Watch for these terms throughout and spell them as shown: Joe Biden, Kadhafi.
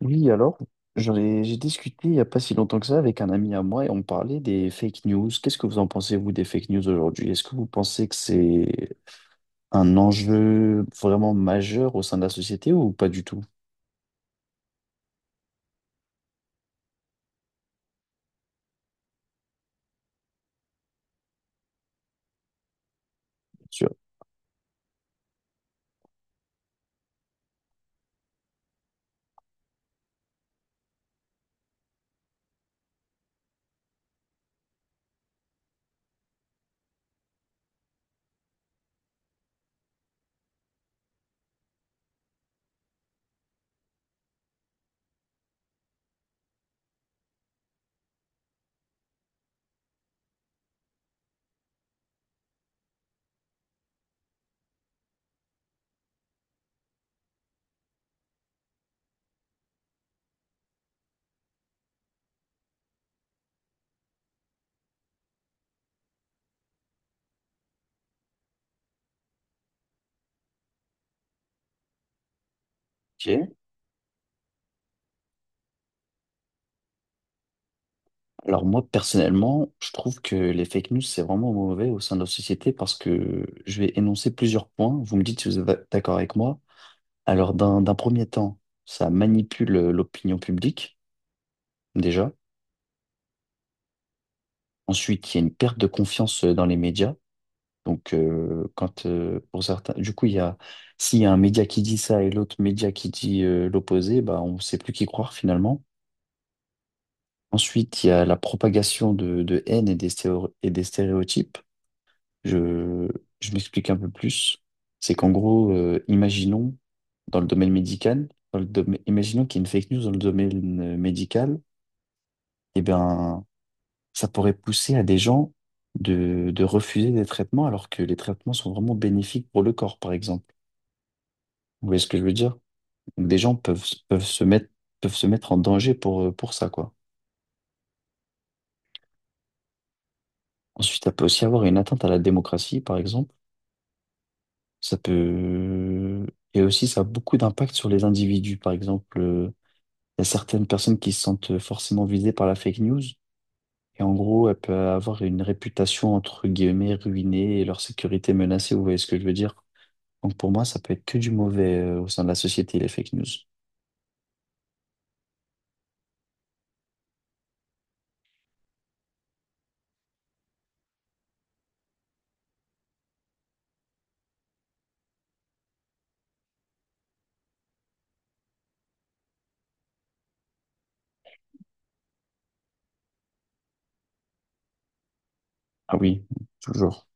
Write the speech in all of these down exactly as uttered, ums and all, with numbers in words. Oui, alors, j'en ai j'ai discuté il n'y a pas si longtemps que ça avec un ami à moi et on parlait des fake news. Qu'est-ce que vous en pensez, vous, des fake news aujourd'hui? Est-ce que vous pensez que c'est un enjeu vraiment majeur au sein de la société ou pas du tout? Sûr. Ok. Alors moi, personnellement, je trouve que les fake news, c'est vraiment mauvais au sein de la société parce que je vais énoncer plusieurs points. Vous me dites si vous êtes d'accord avec moi. Alors, d'un d'un premier temps, ça manipule l'opinion publique, déjà. Ensuite, il y a une perte de confiance dans les médias. Donc, euh, quand euh, pour certains, du coup, il y a, s'il y a un média qui dit ça et l'autre média qui dit euh, l'opposé, bah, on ne sait plus qui croire finalement. Ensuite, il y a la propagation de, de haine et des stéréo- et des stéréotypes. Je, je m'explique un peu plus. C'est qu'en gros, euh, imaginons dans le domaine médical, dans le domaine- imaginons qu'il y ait une fake news dans le domaine euh, médical, eh bien, ça pourrait pousser à des gens de, de refuser des traitements alors que les traitements sont vraiment bénéfiques pour le corps, par exemple. Vous voyez ce que je veux dire? Donc, des gens peuvent, peuvent se mettre, peuvent se mettre en danger pour, euh, pour ça, quoi. Ensuite, ça peut aussi avoir une atteinte à la démocratie, par exemple. Ça peut... Et aussi, ça a beaucoup d'impact sur les individus. Par exemple, euh, il y a certaines personnes qui se sentent euh, forcément visées par la fake news. Et en gros, elles peuvent avoir une réputation, entre guillemets, ruinée et leur sécurité menacée. Vous voyez ce que je veux dire? Donc pour moi, ça peut être que du mauvais, euh, au sein de la société, les fake news. Ah oui, toujours.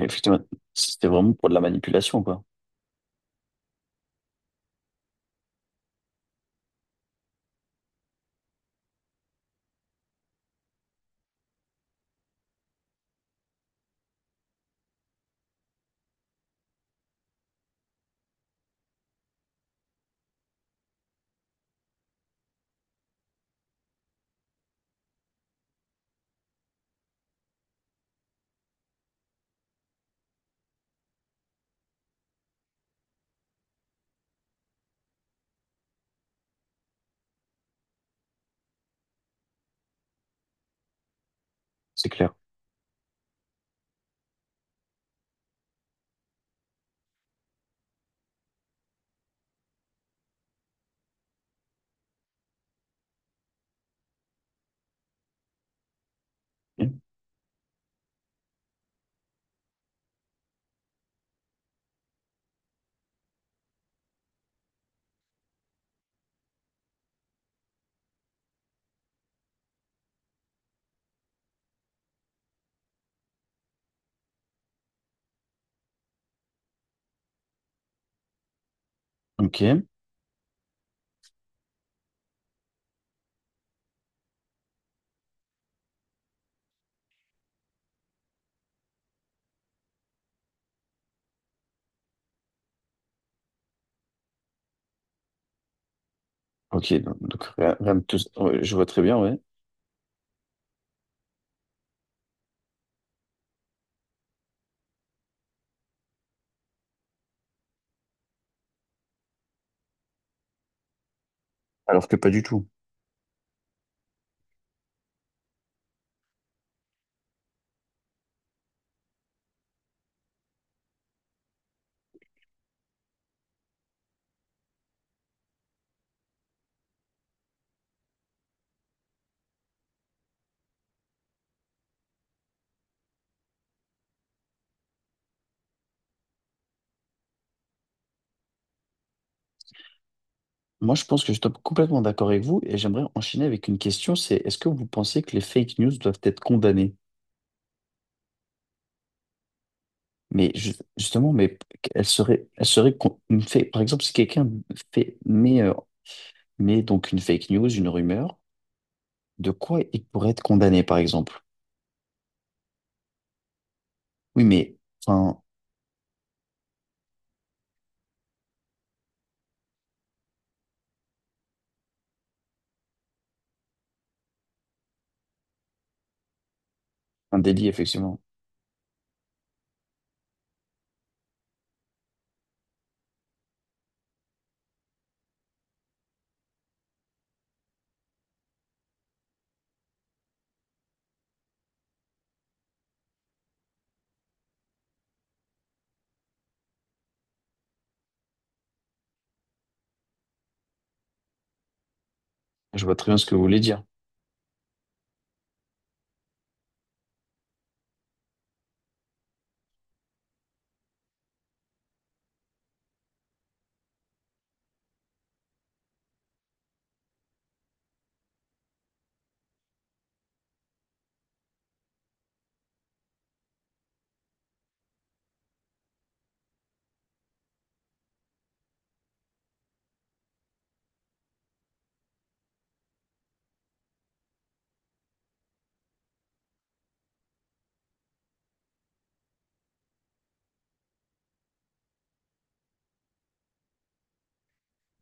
Effectivement, c'était vraiment pour de la manipulation, quoi. C'est clair. Ok. Ok. Donc, donc, rien- rien de tout ça. Ouais, je vois très bien, ouais. Alors que pas du tout. Moi, je pense que je suis complètement d'accord avec vous et j'aimerais enchaîner avec une question, c'est est-ce que vous pensez que les fake news doivent être condamnées? Mais ju- justement, mais elles seraient, elles seraient con- une fa- par exemple, si quelqu'un fait, met, euh, met donc une fake news, une rumeur, de quoi il pourrait être condamné, par exemple? Oui, mais enfin, un délit, effectivement. Je vois très bien ce que vous voulez dire.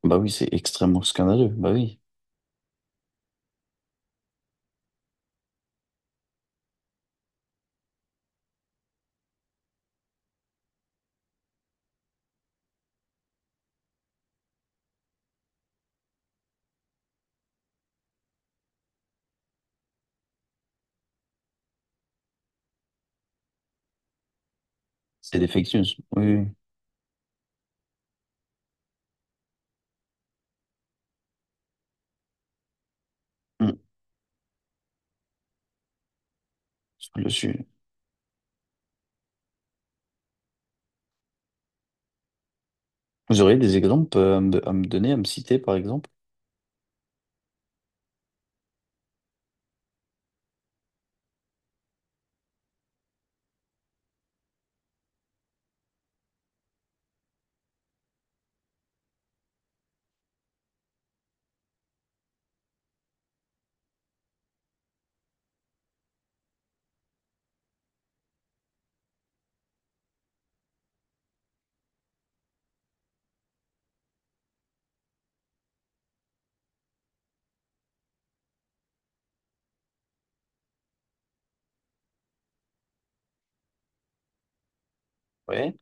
Bah oui, c'est extrêmement scandaleux. Bah oui, c'est des fake news. Oui, oui. Mm. Sur le sujet. Vous auriez des exemples euh, à me, à me donner, à me citer, par exemple? Ouais.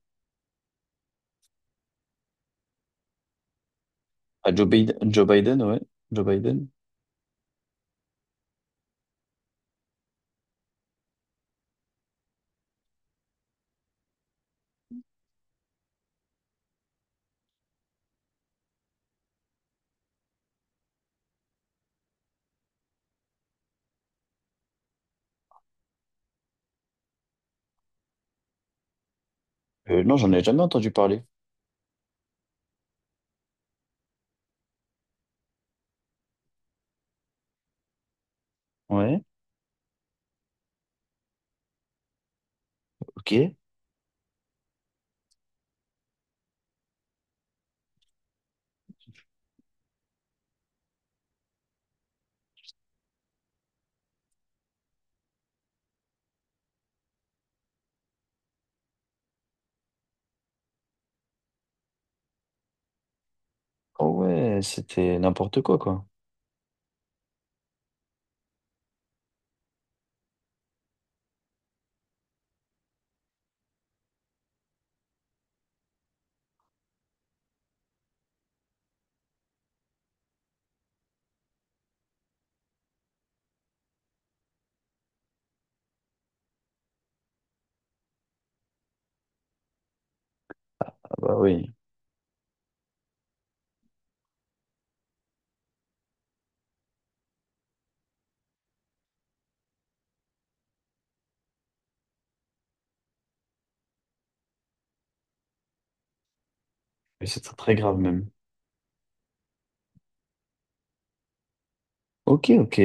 À Joe Biden, Joe Biden, ouais. Joe Biden. Euh, non, j'en ai jamais entendu parler. Ouais, ok. Oh ouais, c'était n'importe quoi, quoi. Ah bah oui. Mais c'est très très grave même. Ok, ok.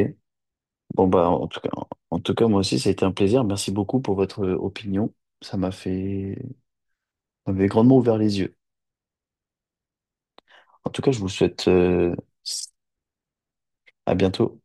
Bon bah en tout cas, en tout cas, moi aussi, ça a été un plaisir. Merci beaucoup pour votre euh, opinion. Ça m'a fait, ça m'avait grandement ouvert les yeux. En tout cas, je vous souhaite euh, à bientôt.